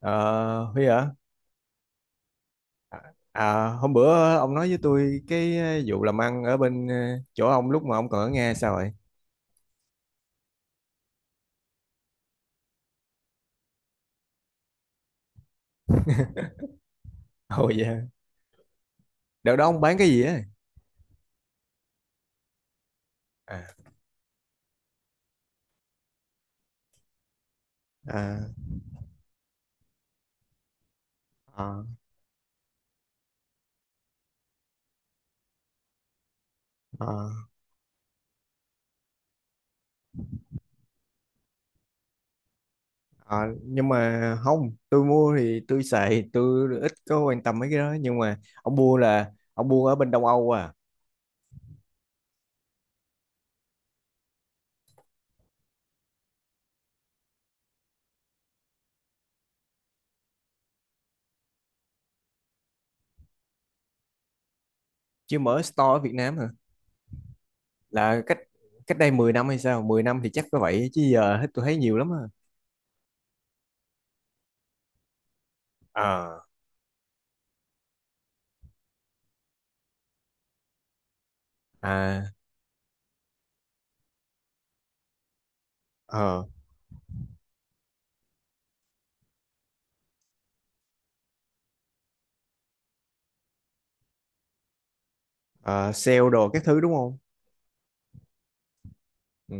Ờ, Huy hả? À, à, hôm bữa ông nói với tôi cái vụ làm ăn ở bên chỗ ông lúc mà ông còn ở Nga sao vậy? Ồ dạ, đợt đó ông bán cái gì á? À, à, ờ, ờ, ờ, nhưng mà không, tôi mua thì tôi xài, tôi ít có quan tâm mấy cái đó. Nhưng mà ông mua là ông mua ở bên Đông Âu à? Chứ mở store ở Việt Nam hả? Là cách cách đây 10 năm hay sao? 10 năm thì chắc có vậy chứ giờ hết tôi thấy nhiều lắm à. À, à, ờ, ờ, sale đồ các thứ đúng không? Ừ.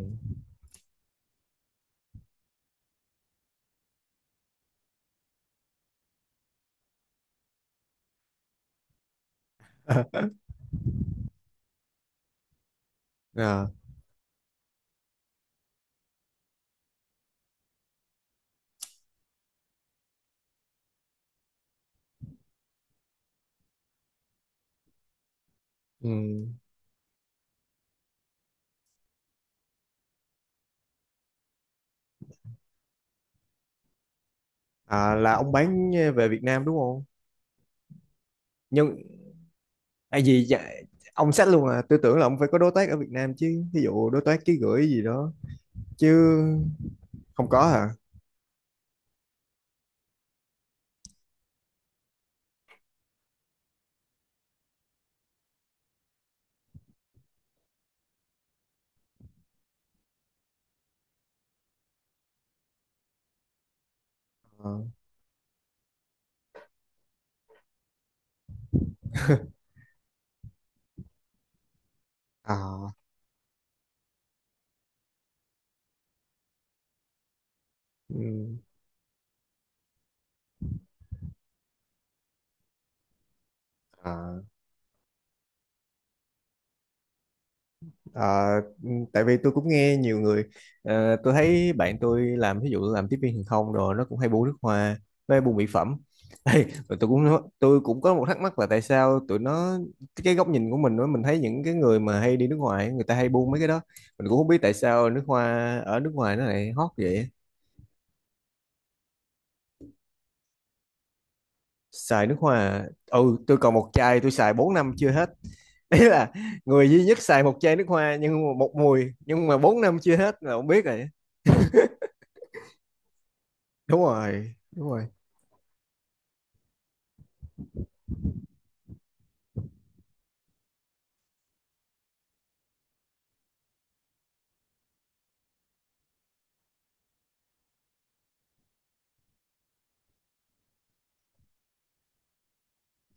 À, ừ. À, là ông bán về Việt Nam đúng không? Nhưng à, gì dạ, ông xách luôn à? Tôi tưởng là ông phải có đối tác ở Việt Nam chứ, ví dụ đối tác ký gửi gì đó chứ. Không có hả? À, à, ừ, à. Ờ, tại vì tôi cũng nghe nhiều người, tôi thấy bạn tôi làm ví dụ làm tiếp viên hàng không rồi nó cũng hay buôn nước hoa với buôn mỹ phẩm. Ê, rồi tôi cũng có một thắc mắc là tại sao tụi nó, cái góc nhìn của mình đó, mình thấy những cái người mà hay đi nước ngoài người ta hay buôn mấy cái đó, mình cũng không biết tại sao nước hoa ở nước ngoài nó lại hot vậy. Xài nước hoa à? Ừ, tôi còn một chai tôi xài 4 năm chưa hết. Đấy là người duy nhất xài một chai nước hoa nhưng mà một mùi, nhưng mà 4 năm chưa hết là không biết rồi. Đúng rồi, đúng rồi.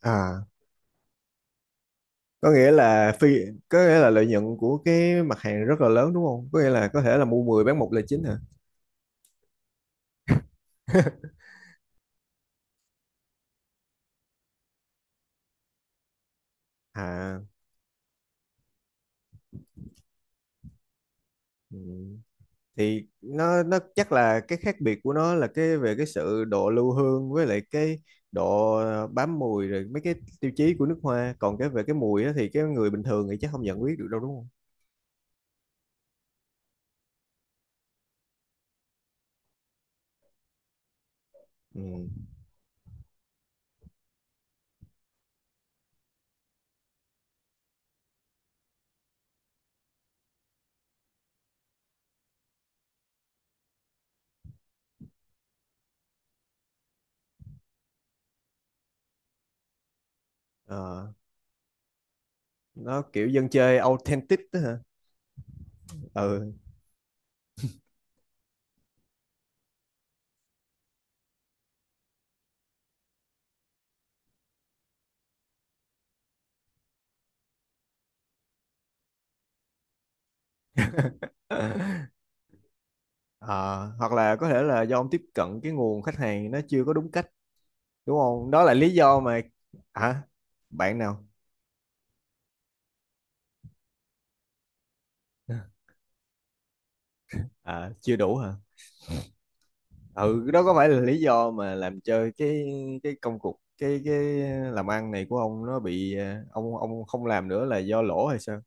À. Có nghĩa là có nghĩa là lợi nhuận của cái mặt hàng rất là lớn đúng không, có nghĩa là có thể là mua 10 bán một là chính hả? À. Ừ. Thì nó chắc là cái khác biệt của nó là cái về cái sự độ lưu hương với lại cái độ bám mùi rồi mấy cái tiêu chí của nước hoa, còn cái về cái mùi á thì cái người bình thường thì chắc không nhận biết được đâu đúng không? Ừ. Ờ, nó kiểu dân chơi authentic đó hả? Ừ. Ờ, hoặc là có thể là do ông tiếp cận cái nguồn khách hàng nó chưa có đúng cách, đúng không, đó là lý do mà. Hả? Bạn nào? À, chưa đủ hả? Ừ, đó có phải là lý do mà làm cho cái công cuộc cái làm ăn này của ông nó bị, ông không làm nữa là do lỗ hay sao?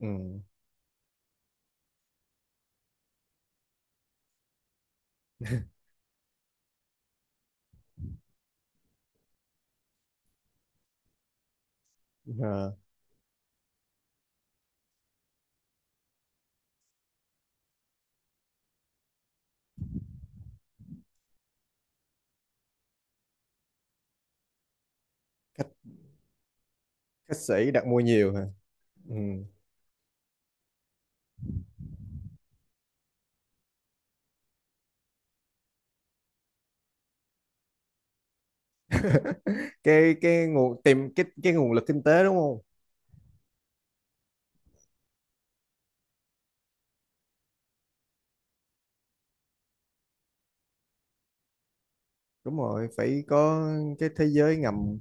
Ừ. Ờ, khách khách sĩ đặt mua nhiều hả? Ừ. cái nguồn lực kinh tế đúng không? Đúng rồi phải có cái thế giới ngầm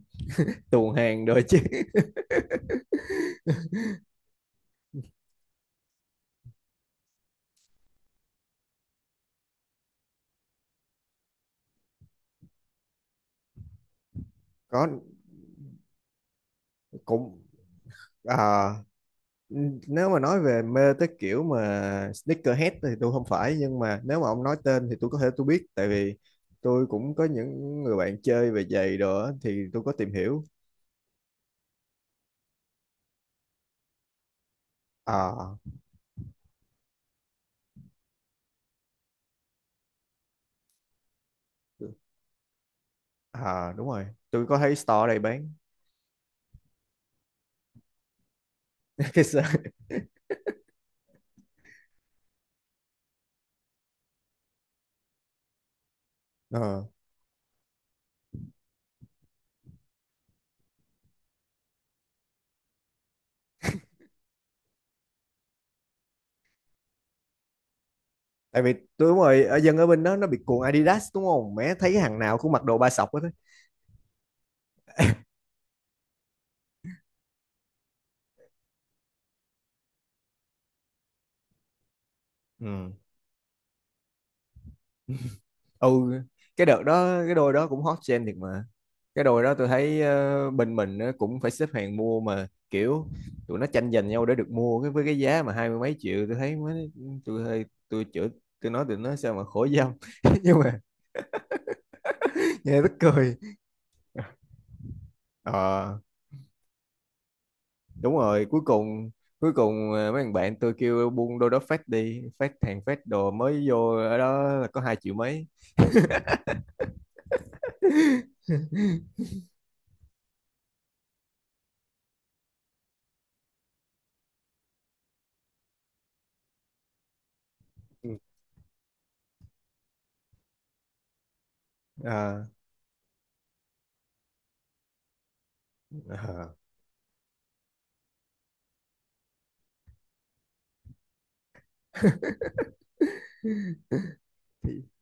tuồn hàng rồi chứ. Có. Cũng. Ờ, nếu mà nói về mê tới kiểu mà sneakerhead thì tôi không phải, nhưng mà nếu mà ông nói tên thì tôi có thể tôi biết tại vì tôi cũng có những người bạn chơi về giày đồ á, thì tôi có tìm hiểu. Ờ. À, đúng rồi, tôi có thấy store ở đây bán. Cái sơ- Ờ, tại vì tôi, đúng rồi, dân ở bên đó nó bị cuồng Adidas đúng không, mẹ thấy cái hàng nào cũng mặc đồ ba sọc hết á. Ừ. Ừ, cái đợt đó cái đôi đó cũng hot trend thiệt mà, cái đôi đó tôi thấy bên mình nó cũng phải xếp hàng mua mà kiểu tụi nó tranh giành nhau để được mua cái với cái giá mà hai mươi mấy triệu, tôi thấy mới, tôi hơi tôi chửi, tôi nói tụi nó sao mà khổ dâm. Nhưng mà nghe tức cười. Ờ, đúng rồi, cuối cùng mấy thằng bạn tôi kêu buông đôi đó phát đi, phát hàng phát đồ mới vô ở đó là có hai triệu mấy. Ừ. Ờ, ờ.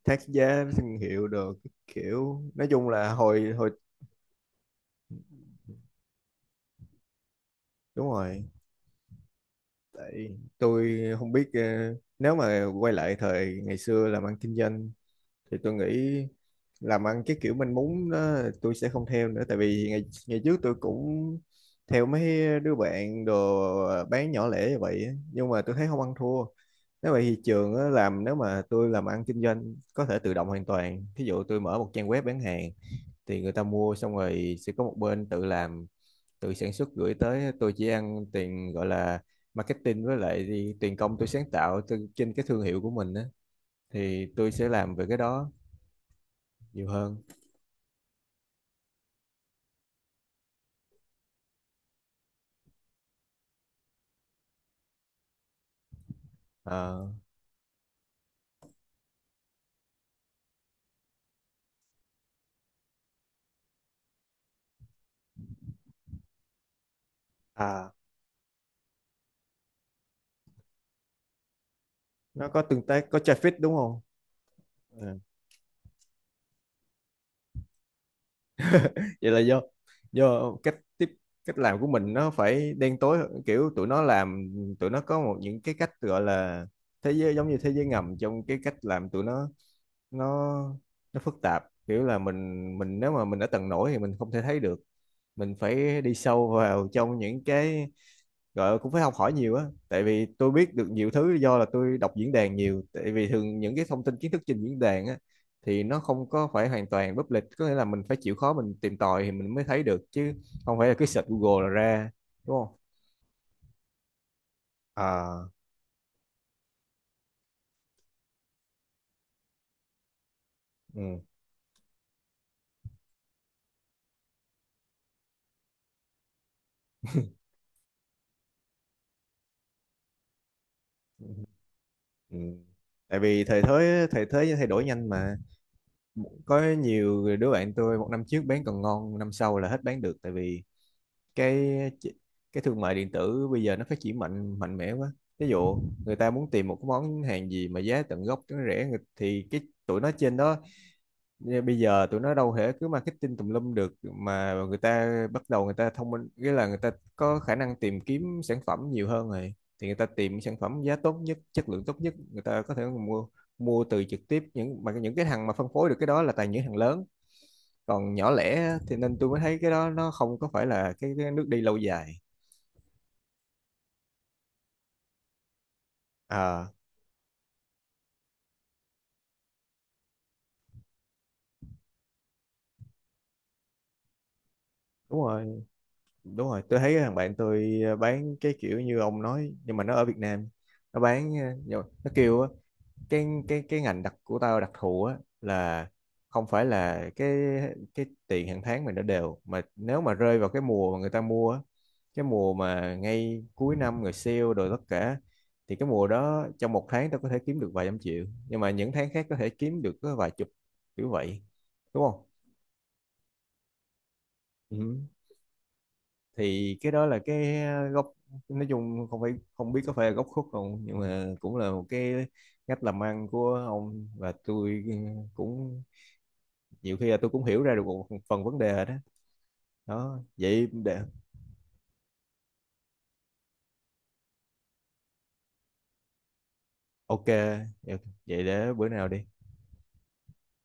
Thác giá thương hiệu được, kiểu nói chung là hồi hồi đúng rồi. Tại tôi không biết, nếu mà quay lại thời ngày xưa làm ăn kinh doanh thì tôi nghĩ làm ăn cái kiểu mình muốn đó tôi sẽ không theo nữa, tại vì ngày ngày trước tôi cũng theo mấy đứa bạn đồ bán nhỏ lẻ như vậy á, nhưng mà tôi thấy không ăn thua. Nếu vậy thì trường á, làm nếu mà tôi làm ăn kinh doanh có thể tự động hoàn toàn, ví dụ tôi mở một trang web bán hàng thì người ta mua xong rồi sẽ có một bên tự làm tự sản xuất gửi tới, tôi chỉ ăn tiền gọi là marketing với lại tiền công tôi sáng tạo trên cái thương hiệu của mình á, thì tôi sẽ làm về cái đó nhiều hơn. Ờ. À, nó có tương tác có traffic đúng không? Ừ. Vậy là do cách làm của mình nó phải đen tối hơn, kiểu tụi nó làm, tụi nó có một những cái cách gọi là thế giới, giống như thế giới ngầm trong cái cách làm tụi nó nó phức tạp, kiểu là mình nếu mà mình ở tầng nổi thì mình không thể thấy được, mình phải đi sâu vào trong những cái gọi là cũng phải học hỏi nhiều á, tại vì tôi biết được nhiều thứ do là tôi đọc diễn đàn nhiều, tại vì thường những cái thông tin kiến thức trên diễn đàn á thì nó không có phải hoàn toàn public, có nghĩa là mình phải chịu khó mình tìm tòi thì mình mới thấy được chứ không phải là cứ search Google là ra đúng không? À. Ừ, ừ. Tại vì thời thế thay đổi nhanh mà, có nhiều đứa bạn tôi một năm trước bán còn ngon năm sau là hết bán được, tại vì cái cái thương mại điện tử bây giờ nó phát triển mạnh mạnh mẽ quá, ví dụ người ta muốn tìm một cái món hàng gì mà giá tận gốc nó rẻ, thì cái tụi nó trên đó, bây giờ tụi nó đâu thể cứ marketing tùm lum được, mà người ta bắt đầu người ta thông minh, nghĩa là người ta có khả năng tìm kiếm sản phẩm nhiều hơn rồi, thì người ta tìm sản phẩm giá tốt nhất chất lượng tốt nhất, người ta có thể mua mua từ trực tiếp những cái thằng mà phân phối được cái đó là toàn những thằng lớn, còn nhỏ lẻ thì, nên tôi mới thấy cái đó nó không có phải là cái nước đi lâu dài. À, đúng rồi, đúng rồi, tôi thấy thằng bạn tôi bán cái kiểu như ông nói nhưng mà nó ở Việt Nam, nó bán nhỏ- nó kêu á, cái ngành đặc của tao đặc thù á là, không phải là cái tiền hàng tháng mình đã đều mà nếu mà rơi vào cái mùa mà người ta mua á, cái mùa mà ngay cuối năm người sale rồi tất cả, thì cái mùa đó trong một tháng tao có thể kiếm được vài trăm triệu, nhưng mà những tháng khác có thể kiếm được có vài chục, kiểu vậy đúng không. Ừ. Thì cái đó là cái góc, nói chung không phải, không biết có phải là góc khuất không, nhưng mà cũng là một cái cách làm ăn của ông và tôi, cũng nhiều khi là tôi cũng hiểu ra được một phần vấn đề đó. Đó, vậy để, ok vậy để bữa nào đi.